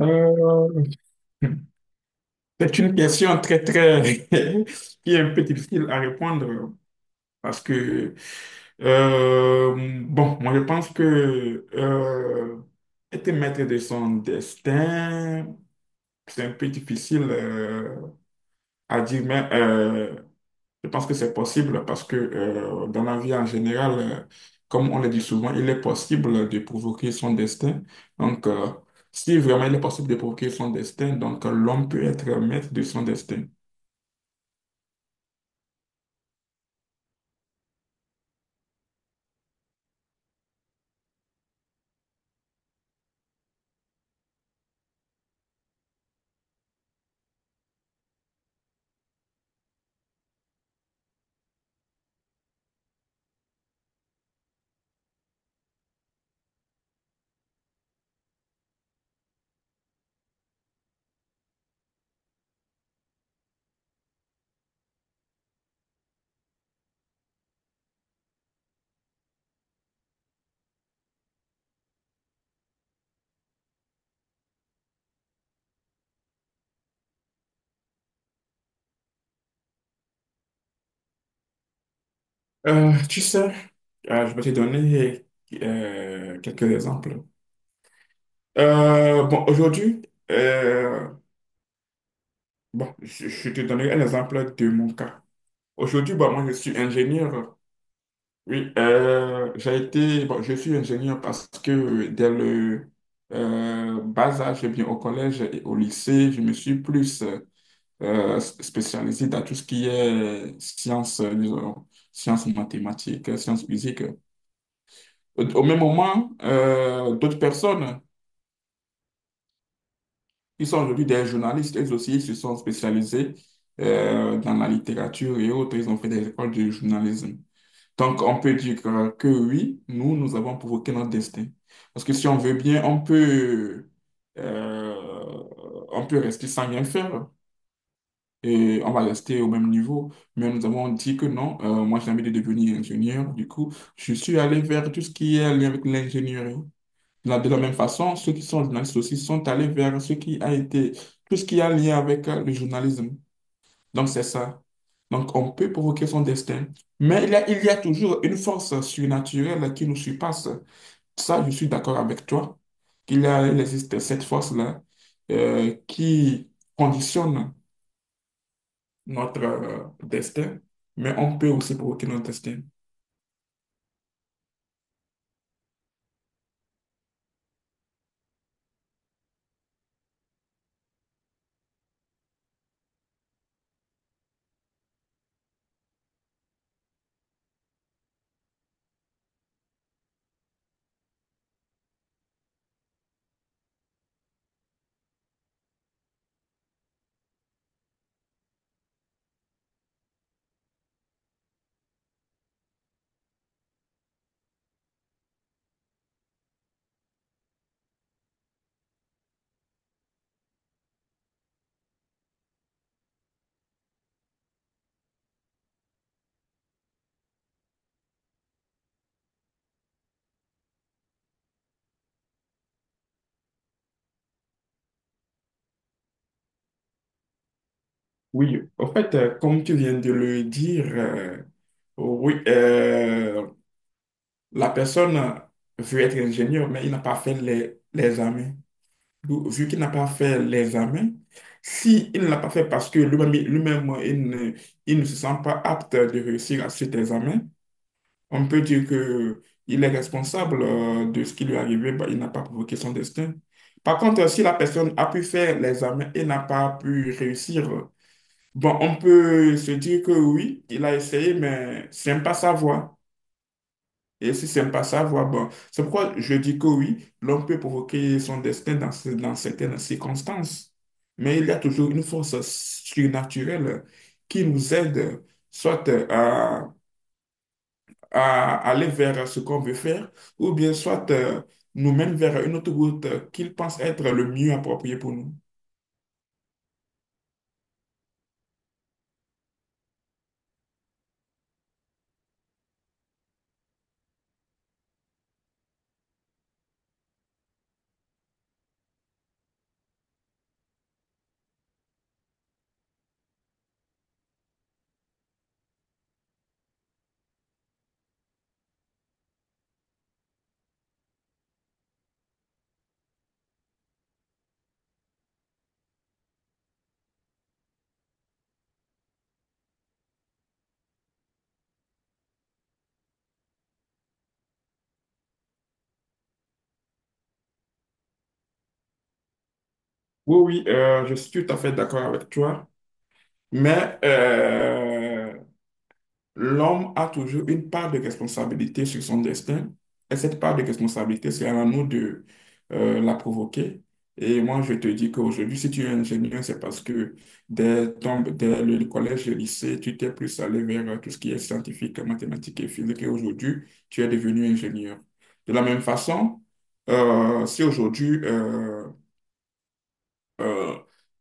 Euh, c'est une question très, très, qui est un peu difficile à répondre parce que, euh, bon, moi je pense que être maître de son destin, c'est un peu difficile à dire, mais je pense que c'est possible parce que dans la vie en général, comme on le dit souvent, il est possible de provoquer son destin. Donc, si vraiment il est possible de provoquer son destin, donc l'homme peut être maître de son destin. Tu sais, je vais te donner quelques exemples. Bon, aujourd'hui, euh, bon, je te donnerai un exemple de mon cas. Aujourd'hui, bah, moi, je suis ingénieur. Oui, j'ai été, bon, je suis ingénieur parce que dès le bas âge, eh bien au collège et au lycée, je me suis plus spécialisé dans tout ce qui est sciences, disons, sciences mathématiques, sciences physiques. Au même moment, d'autres personnes qui sont aujourd'hui des journalistes, elles aussi se sont spécialisées dans la littérature et autres, ils ont fait des écoles de journalisme. Donc, on peut dire que oui, nous, nous avons provoqué notre destin. Parce que si on veut bien, euh, on peut rester sans rien faire et on va rester au même niveau. Mais nous avons dit que non, moi, j'ai envie de devenir ingénieur. Du coup, je suis allé vers tout ce qui est lié avec l'ingénierie. De la même façon, ceux qui sont journalistes aussi sont allés vers ce qui a été, tout ce qui a lié avec le journalisme. Donc, c'est ça. Donc, on peut provoquer son destin, mais il y a toujours une force surnaturelle qui nous surpasse. Ça, je suis d'accord avec toi, il existe cette force-là qui conditionne notre destin, mais on peut aussi provoquer notre destin. Oui, en fait, comme tu viens de le dire, oui, la personne veut être ingénieur, mais il n'a pas fait les examens. Vu qu'il n'a pas fait les examens, si il ne l'a pas fait parce que lui-même, il ne se sent pas apte de réussir à cet examen, on peut dire que il est responsable de ce qui lui est arrivé, bah, il n'a pas provoqué son destin. Par contre, si la personne a pu faire les examens et n'a pas pu réussir, bon, on peut se dire que oui, il a essayé, mais c'est pas sa voie. Et si c'est pas ça, voilà, bon. C'est pourquoi je dis que oui, l'homme peut provoquer son destin dans certaines circonstances. Mais il y a toujours une force surnaturelle qui nous aide soit à aller vers ce qu'on veut faire, ou bien soit nous mène vers une autre route qu'il pense être le mieux approprié pour nous. Oui, oui, je suis tout à fait d'accord avec toi. Mais l'homme a toujours une part de responsabilité sur son destin, et cette part de responsabilité, c'est à nous de la provoquer. Et moi, je te dis qu'aujourd'hui, si tu es ingénieur, c'est parce que dès le collège et le lycée, tu t'es plus allé vers tout ce qui est scientifique, mathématiques et physique, et aujourd'hui, tu es devenu ingénieur. De la même façon, si aujourd'hui, euh,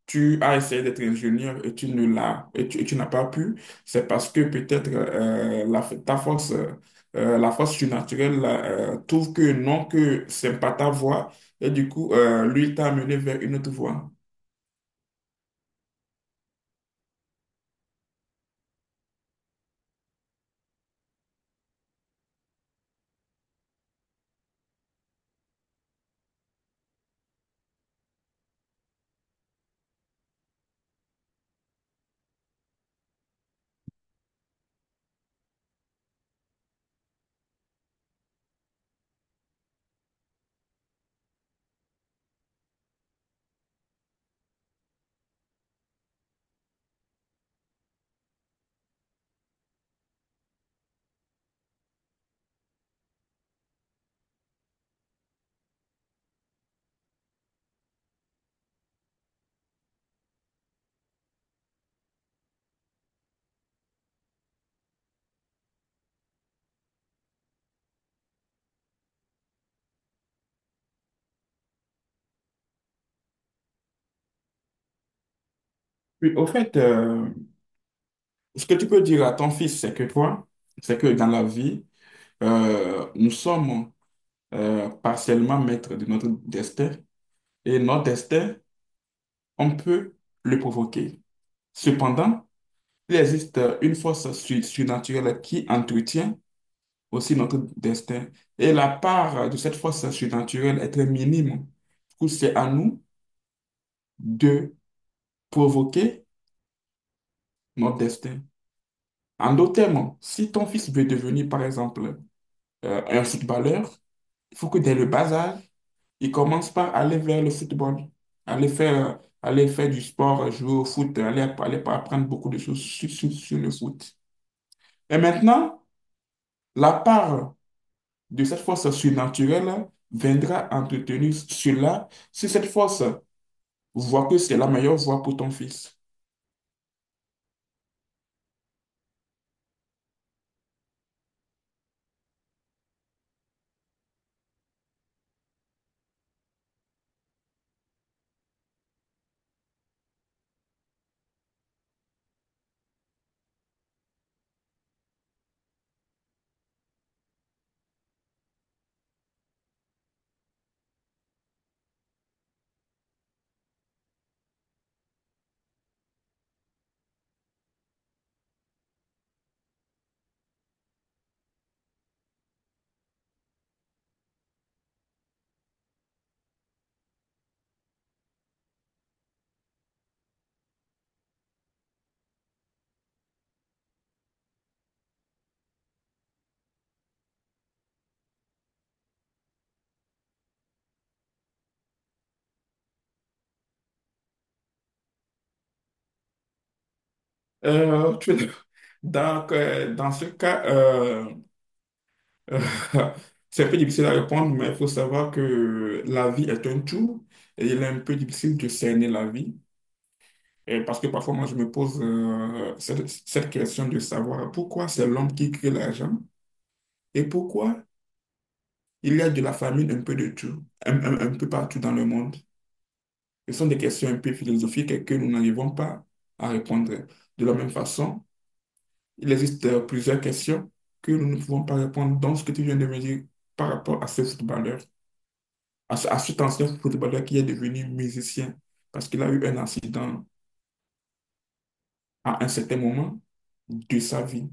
tu as essayé d'être ingénieur et tu ne l'as et tu n'as pas pu, c'est parce que peut-être ta force, la force surnaturelle trouve que non, que c'est pas ta voie et du coup, lui t'a amené vers une autre voie. Oui, au fait, ce que tu peux dire à ton fils, c'est que toi, c'est que dans la vie, nous sommes partiellement maître de notre destin et notre destin, on peut le provoquer. Cependant, il existe une force surnaturelle qui entretient aussi notre destin et la part de cette force surnaturelle est très minime. Du coup, c'est à nous de provoquer notre destin. En d'autres termes, si ton fils veut devenir, par exemple, un footballeur, il faut que dès le bas âge, ils commencent par aller vers le football, aller faire du sport, jouer au foot, aller apprendre beaucoup de choses sur le foot. Et maintenant, la part de cette force surnaturelle viendra entretenir cela, si cette force voit que c'est la meilleure voie pour ton fils. Euh, tu- Donc, dans ce cas, c'est un peu difficile à répondre, mais il faut savoir que la vie est un tout et il est un peu difficile de cerner la vie. Et parce que parfois, moi, je me pose cette question de savoir pourquoi c'est l'homme qui crée l'argent et pourquoi il y a de la famine un peu de tout, un peu partout dans le monde. Ce sont des questions un peu philosophiques et que nous n'arrivons pas à répondre. De la même façon, il existe plusieurs questions que nous ne pouvons pas répondre dans ce que tu viens de me dire par rapport à ce footballeur. À cet ancien footballeur qui est devenu musicien parce qu'il a eu un accident à un certain moment de sa vie.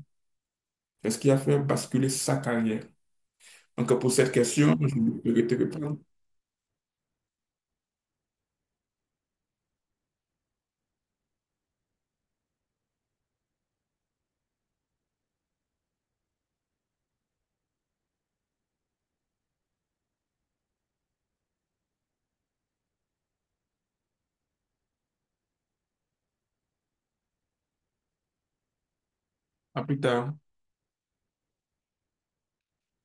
C'est ce qui a fait basculer sa carrière. Donc, pour cette question, je vais te répondre. À plus tard.